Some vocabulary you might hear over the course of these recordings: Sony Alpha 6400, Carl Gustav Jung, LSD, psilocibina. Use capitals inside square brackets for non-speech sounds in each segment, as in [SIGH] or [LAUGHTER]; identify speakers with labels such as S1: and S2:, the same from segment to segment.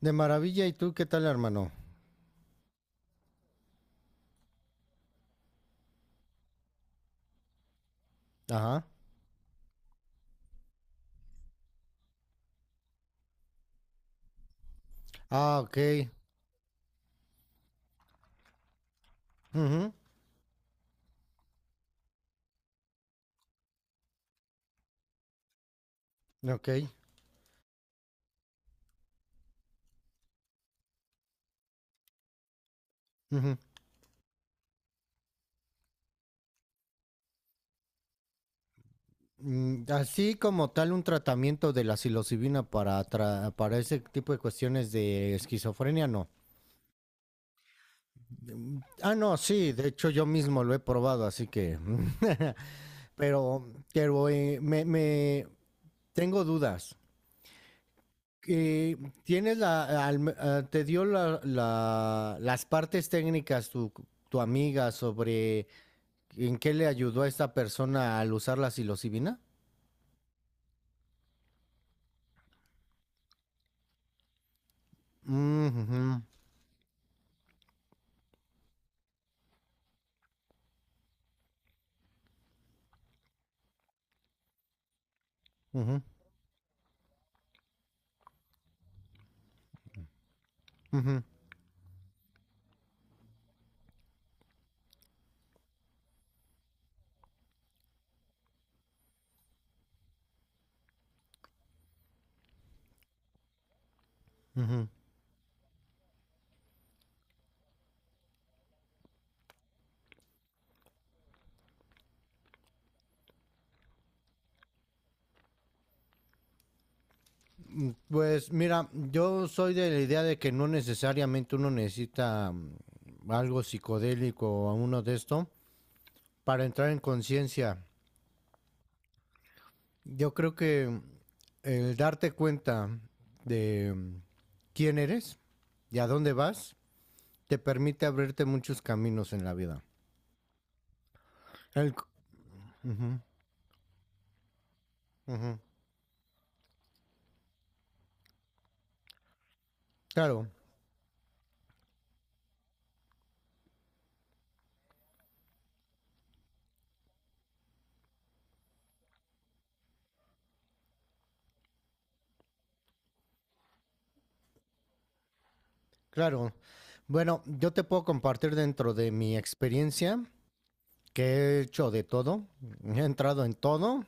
S1: De maravilla, ¿y tú qué tal, hermano? Ajá. Ah, ok. Ujú. Ok. Ujú. Así como tal un tratamiento de la psilocibina para ese tipo de cuestiones de esquizofrenia, no. No, sí, de hecho yo mismo lo he probado, así que... [LAUGHS] Pero tengo dudas. Eh, ¿Tienes te dio las partes técnicas tu, tu amiga sobre ¿en qué le ayudó a esta persona al usar la psilocibina? Mm, ujú, ujú, ujú, ujú. Pues mira, yo soy de la idea de que no necesariamente uno necesita algo psicodélico o uno de esto para entrar en conciencia. Yo creo que el darte cuenta de quién eres y a dónde vas te permite abrirte muchos caminos en la vida. El c- Ujú, ujú. Claro. Claro. Bueno, yo te puedo compartir dentro de mi experiencia que he hecho de todo. He entrado en todo,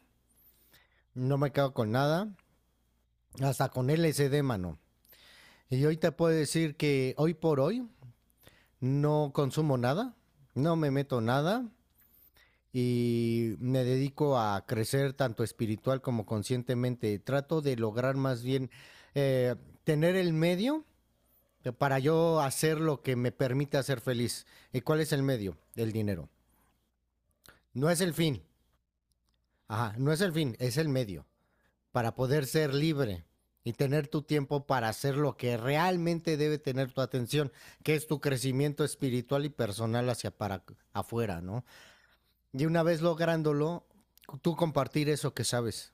S1: no me quedo con nada, hasta con LSD, mano. Y hoy te puedo decir que hoy por hoy no consumo nada, no me meto nada y me dedico a crecer tanto espiritual como conscientemente. Trato de lograr más bien eh, tener el medio para yo hacer lo que me permita ser feliz. ¿Y cuál es el medio? El dinero. No es el fin. Ajá, no es el fin, es el medio. Para poder ser libre y tener tu tiempo para hacer lo que realmente debe tener tu atención, que es tu crecimiento espiritual y personal hacia para afuera, ¿no? Y una vez lográndolo, tú compartir eso que sabes.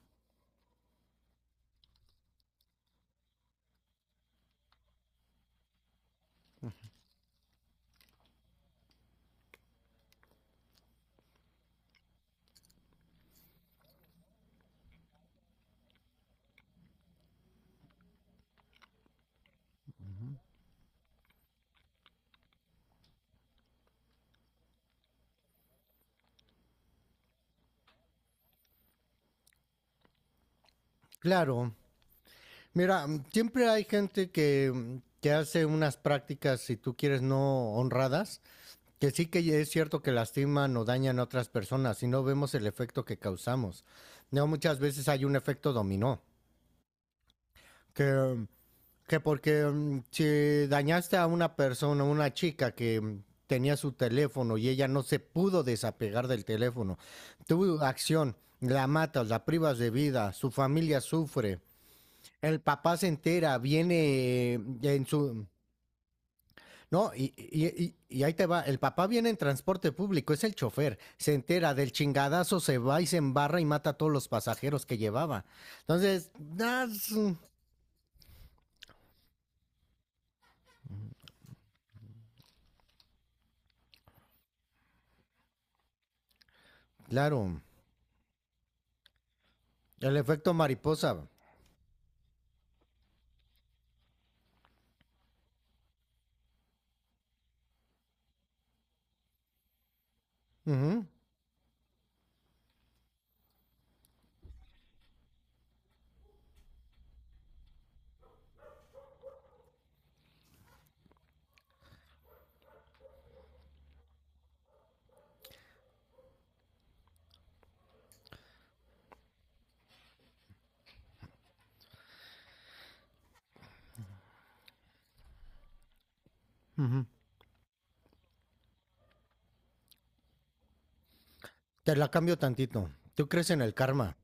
S1: Claro, mira, siempre hay gente que hace unas prácticas, si tú quieres, no honradas. Que sí, que es cierto que lastiman o dañan a otras personas y no vemos el efecto que causamos. No, muchas veces hay un efecto dominó. Que, que porque si dañaste a una persona, una chica que tenía su teléfono y ella no se pudo desapegar del teléfono, tu acción, la matas, la privas de vida, su familia sufre, el papá se entera, no, y ahí te va, el papá viene en transporte público, es el chofer, se entera del chingadazo, se va y se embarra y mata a todos los pasajeros que llevaba. Entonces, sí, claro, el efecto mariposa. Ujú. Te la cambio tantito. ¿Tú crees en el karma?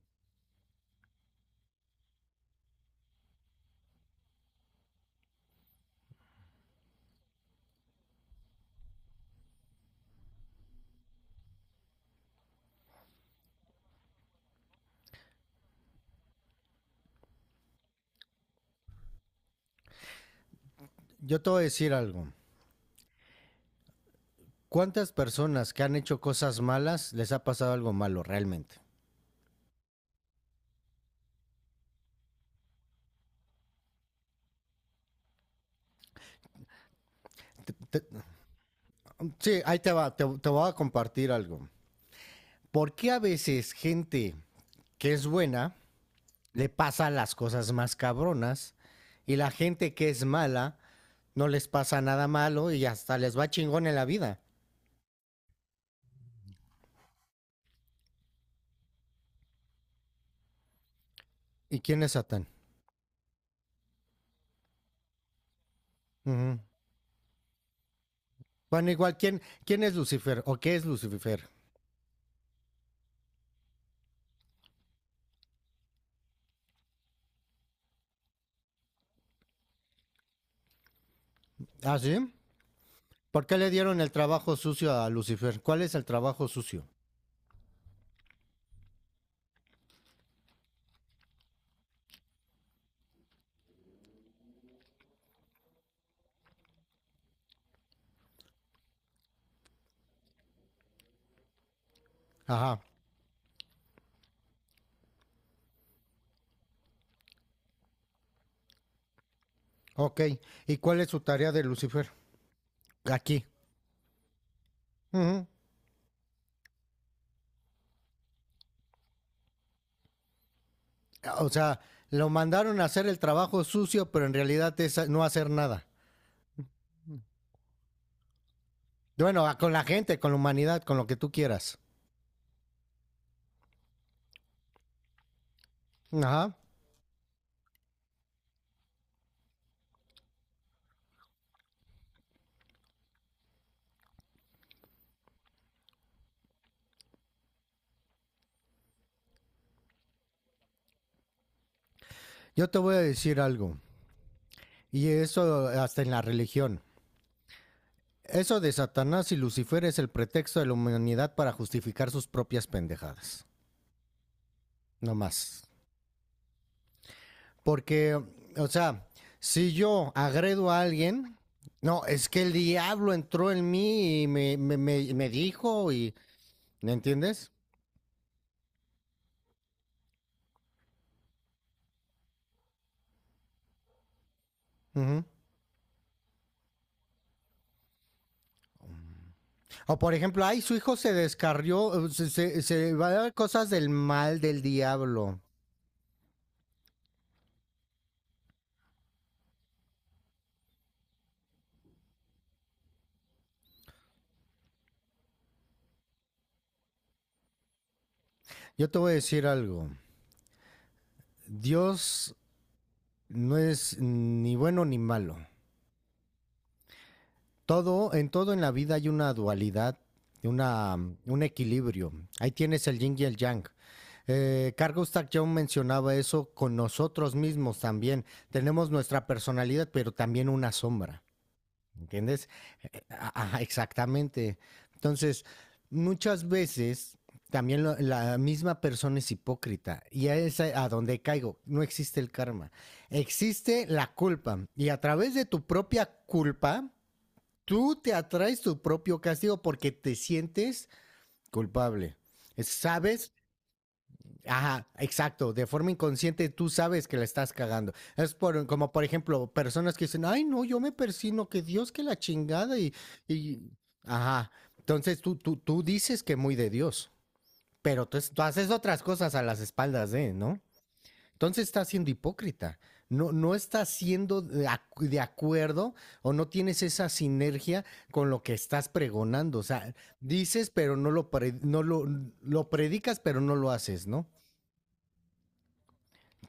S1: Yo te voy a decir algo. ¿Cuántas personas que han hecho cosas malas les ha pasado algo malo realmente? Te- te- sí, ahí te va, te voy a compartir algo. ¿Por qué a veces gente que es buena le pasan las cosas más cabronas y la gente que es mala no les pasa nada malo y hasta les va chingón en la vida? ¿Y quién es Satán? Ujú. Bueno, igual, ¿quién, quién es Lucifer o qué es Lucifer? ¿Ah, sí? ¿Por qué le dieron el trabajo sucio a Lucifer? ¿Cuál es el trabajo sucio? Ajá, ok. ¿Y cuál es su tarea de Lucifer? Aquí. Ujú. O sea, lo mandaron a hacer el trabajo sucio, pero en realidad es no hacer nada. Bueno, con la gente, con la humanidad, con lo que tú quieras. Ajá. Yo te voy a decir algo, y eso hasta en la religión. Eso de Satanás y Lucifer es el pretexto de la humanidad para justificar sus propias pendejadas. No más. Porque, o sea, si yo agredo a alguien, no, es que el diablo entró en mí y me dijo y... ¿Me entiendes? Ujú. O por ejemplo, ay, su hijo se descarrió, se va a dar cosas del mal del diablo. Yo te voy a decir algo. Dios no es ni bueno ni malo. Todo, en todo en la vida hay una dualidad, una, un equilibrio. Ahí tienes el yin y el yang. Carl Gustav Jung mencionaba eso con nosotros mismos también. Tenemos nuestra personalidad, pero también una sombra. ¿Entiendes? Ajá, exactamente. Entonces, muchas veces también la misma persona es hipócrita y a es a donde caigo. No existe el karma, existe la culpa y a través de tu propia culpa, tú te atraes tu propio castigo porque te sientes culpable. Sabes. Ajá, exacto. De forma inconsciente tú sabes que la estás cagando. Es por, como por ejemplo, personas que dicen, ay no, yo me persino, que Dios que la chingada y... ajá. Entonces tú dices que muy de Dios, pero tú, tú haces otras cosas a las espaldas de, ¿no? Entonces estás siendo hipócrita. No, no estás siendo de, de acuerdo o no tienes esa sinergia con lo que estás pregonando. O sea, dices, pero no lo, lo predicas, pero no lo haces, ¿no?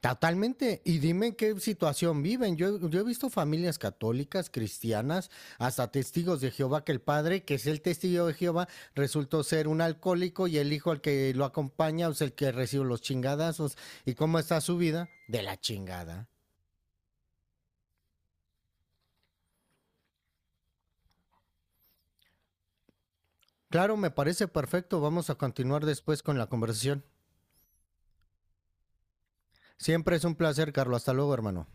S1: Totalmente. Y dime en qué situación viven. Yo he visto familias católicas, cristianas, hasta testigos de Jehová, que el padre, que es el testigo de Jehová, resultó ser un alcohólico y el hijo al que lo acompaña es el que recibe los chingadazos. ¿Y cómo está su vida? De la chingada. Claro, me parece perfecto. Vamos a continuar después con la conversación. Siempre es un placer, Carlos. Hasta luego, hermano.